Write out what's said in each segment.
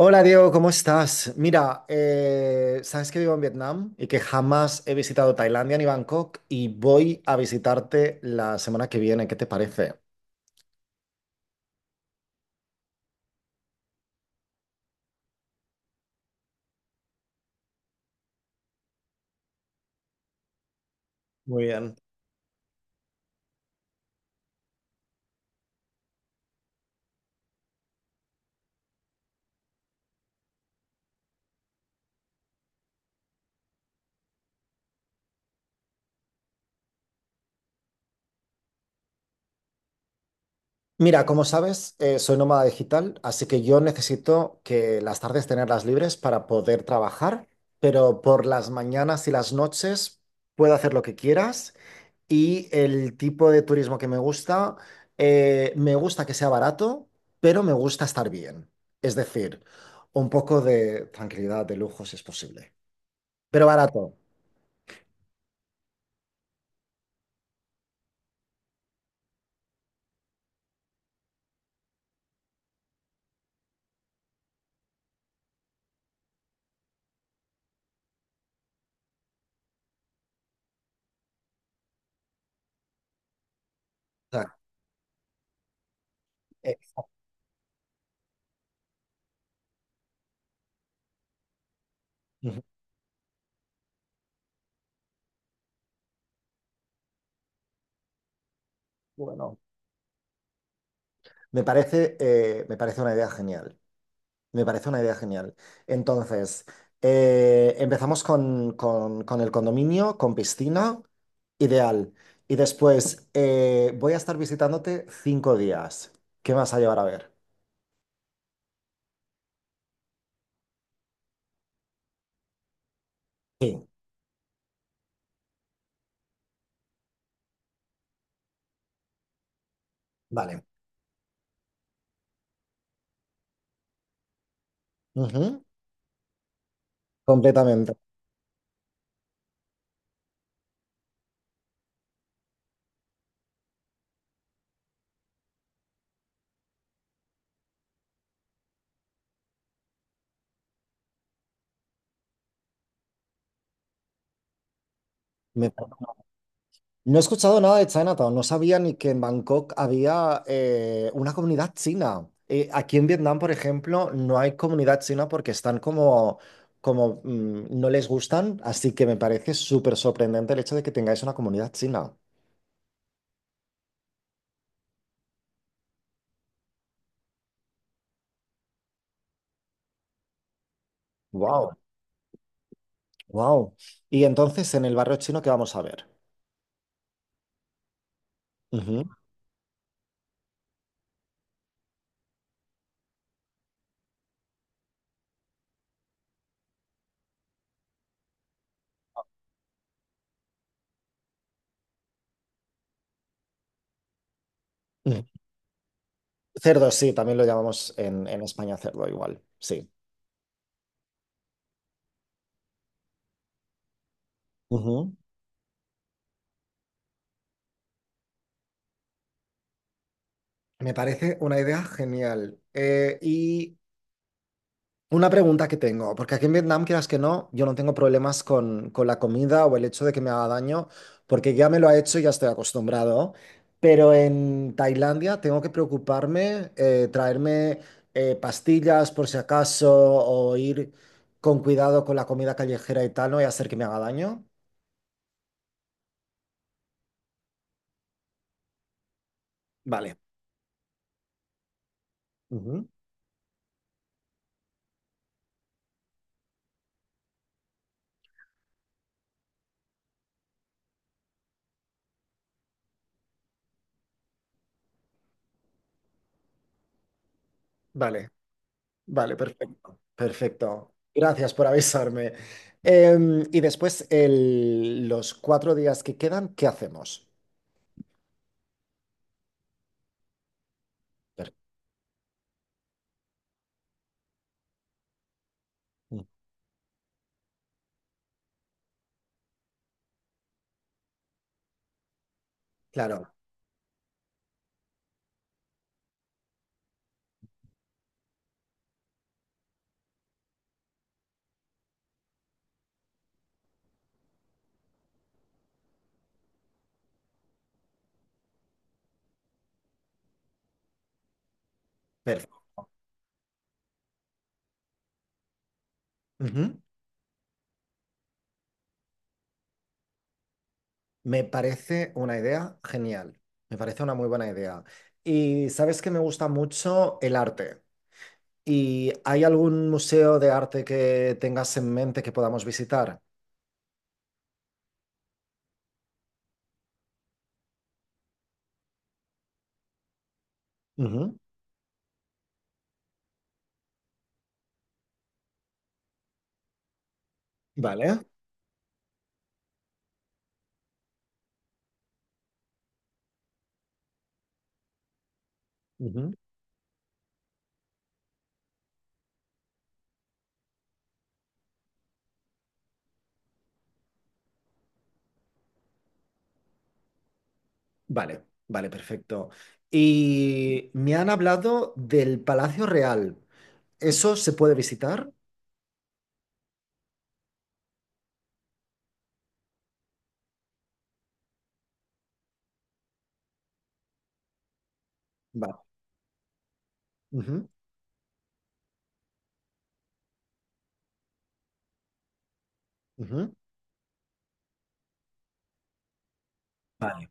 Hola Diego, ¿cómo estás? Mira, sabes que vivo en Vietnam y que jamás he visitado Tailandia ni Bangkok y voy a visitarte la semana que viene. ¿Qué te parece? Muy bien. Mira, como sabes, soy nómada digital, así que yo necesito que las tardes tenerlas libres para poder trabajar, pero por las mañanas y las noches puedo hacer lo que quieras y el tipo de turismo que me gusta que sea barato, pero me gusta estar bien. Es decir, un poco de tranquilidad, de lujo, si es posible, pero barato. O sea, eh, bueno, me parece una idea genial. Me parece una idea genial. Entonces, empezamos con el condominio, con piscina, ideal. Y después, voy a estar visitándote 5 días. ¿Qué me vas a llevar a ver? Sí. Vale. Ujú. Completamente. Me No he escuchado nada de Chinatown, no sabía ni que en Bangkok había una comunidad china. Aquí en Vietnam, por ejemplo, no hay comunidad china porque están como no les gustan, así que me parece súper sorprendente el hecho de que tengáis una comunidad china. Wow, wow. Y entonces, en el barrio chino, ¿qué vamos a ver? Ujú, ujú. Cerdo, sí, también lo llamamos en España cerdo igual, sí. Ujú. Me parece una idea genial. Y una pregunta que tengo, porque aquí en Vietnam, quieras que no, yo no tengo problemas con la comida o el hecho de que me haga daño, porque ya me lo ha hecho y ya estoy acostumbrado. Pero en Tailandia tengo que preocuparme, traerme pastillas por si acaso, o ir con cuidado con la comida callejera y tal, no voy a hacer que me haga daño. Vale. Ujú. Vale, vale, perfecto. Perfecto. Gracias por avisarme. Y después, los 4 días que quedan, ¿qué hacemos? Per- mm, Claro, perfecto. Ujú. Me parece una idea genial. Me parece una muy buena idea. Y sabes que me gusta mucho el arte. ¿Y hay algún museo de arte que tengas en mente que podamos visitar? Ujú. Vale. Ujú. Vale, vale, perfecto. Y me han hablado del Palacio Real. ¿Eso se puede visitar? Vale. Ujú. Ujú. Vale.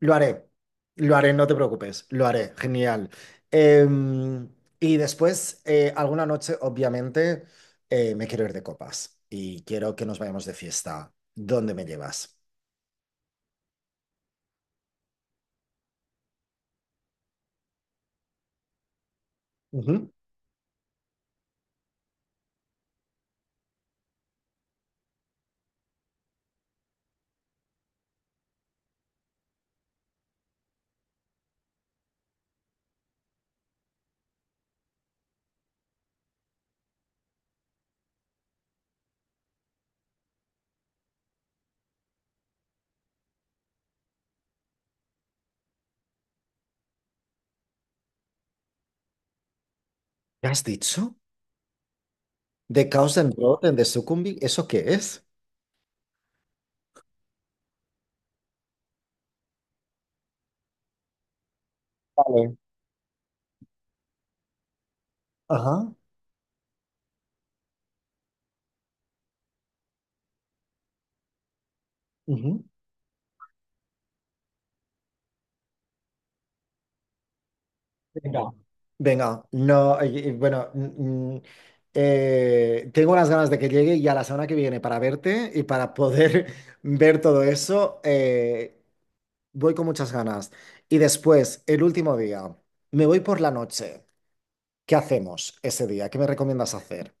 Lo haré, lo haré, no te preocupes, lo haré, genial. Em, y después, alguna noche, obviamente, me quiero ir de copas y quiero que nos vayamos de fiesta. ¿Dónde me llevas? Ujú. ¿Qué has dicho? ¿De Chaos and Road en The Succumbi? ¿Eso qué es? Vale. Ajá. Ujú. Venga. Venga, no, bueno, tengo unas ganas de que llegue ya la semana que viene para verte y para poder ver todo eso. Voy con muchas ganas. Y después, el último día, me voy por la noche. ¿Qué hacemos ese día? ¿Qué me recomiendas hacer?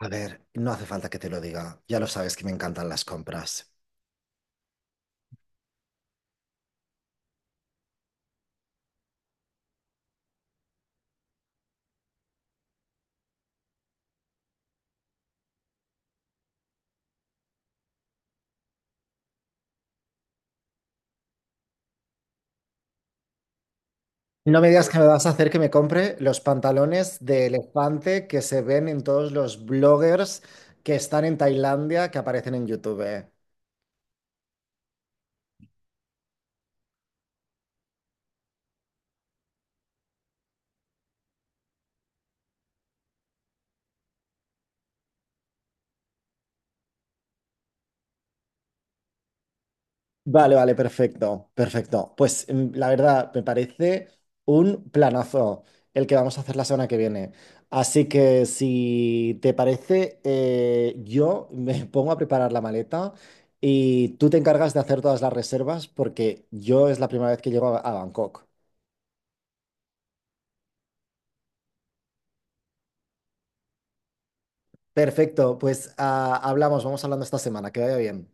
A ver, no hace falta que te lo diga. Ya lo sabes que me encantan las compras. No me digas que me vas a hacer que me compre los pantalones de elefante que se ven en todos los bloggers que están en Tailandia que aparecen en YouTube. Vale, vale, perfecto, perfecto. Pues la verdad, me parece un planazo el que vamos a hacer la semana que viene. Así que si te parece, yo me pongo a preparar la maleta y tú te encargas de hacer todas las reservas porque yo es la primera vez que llego a Bangkok. Perfecto, pues ah, hablamos, vamos hablando esta semana, que vaya bien.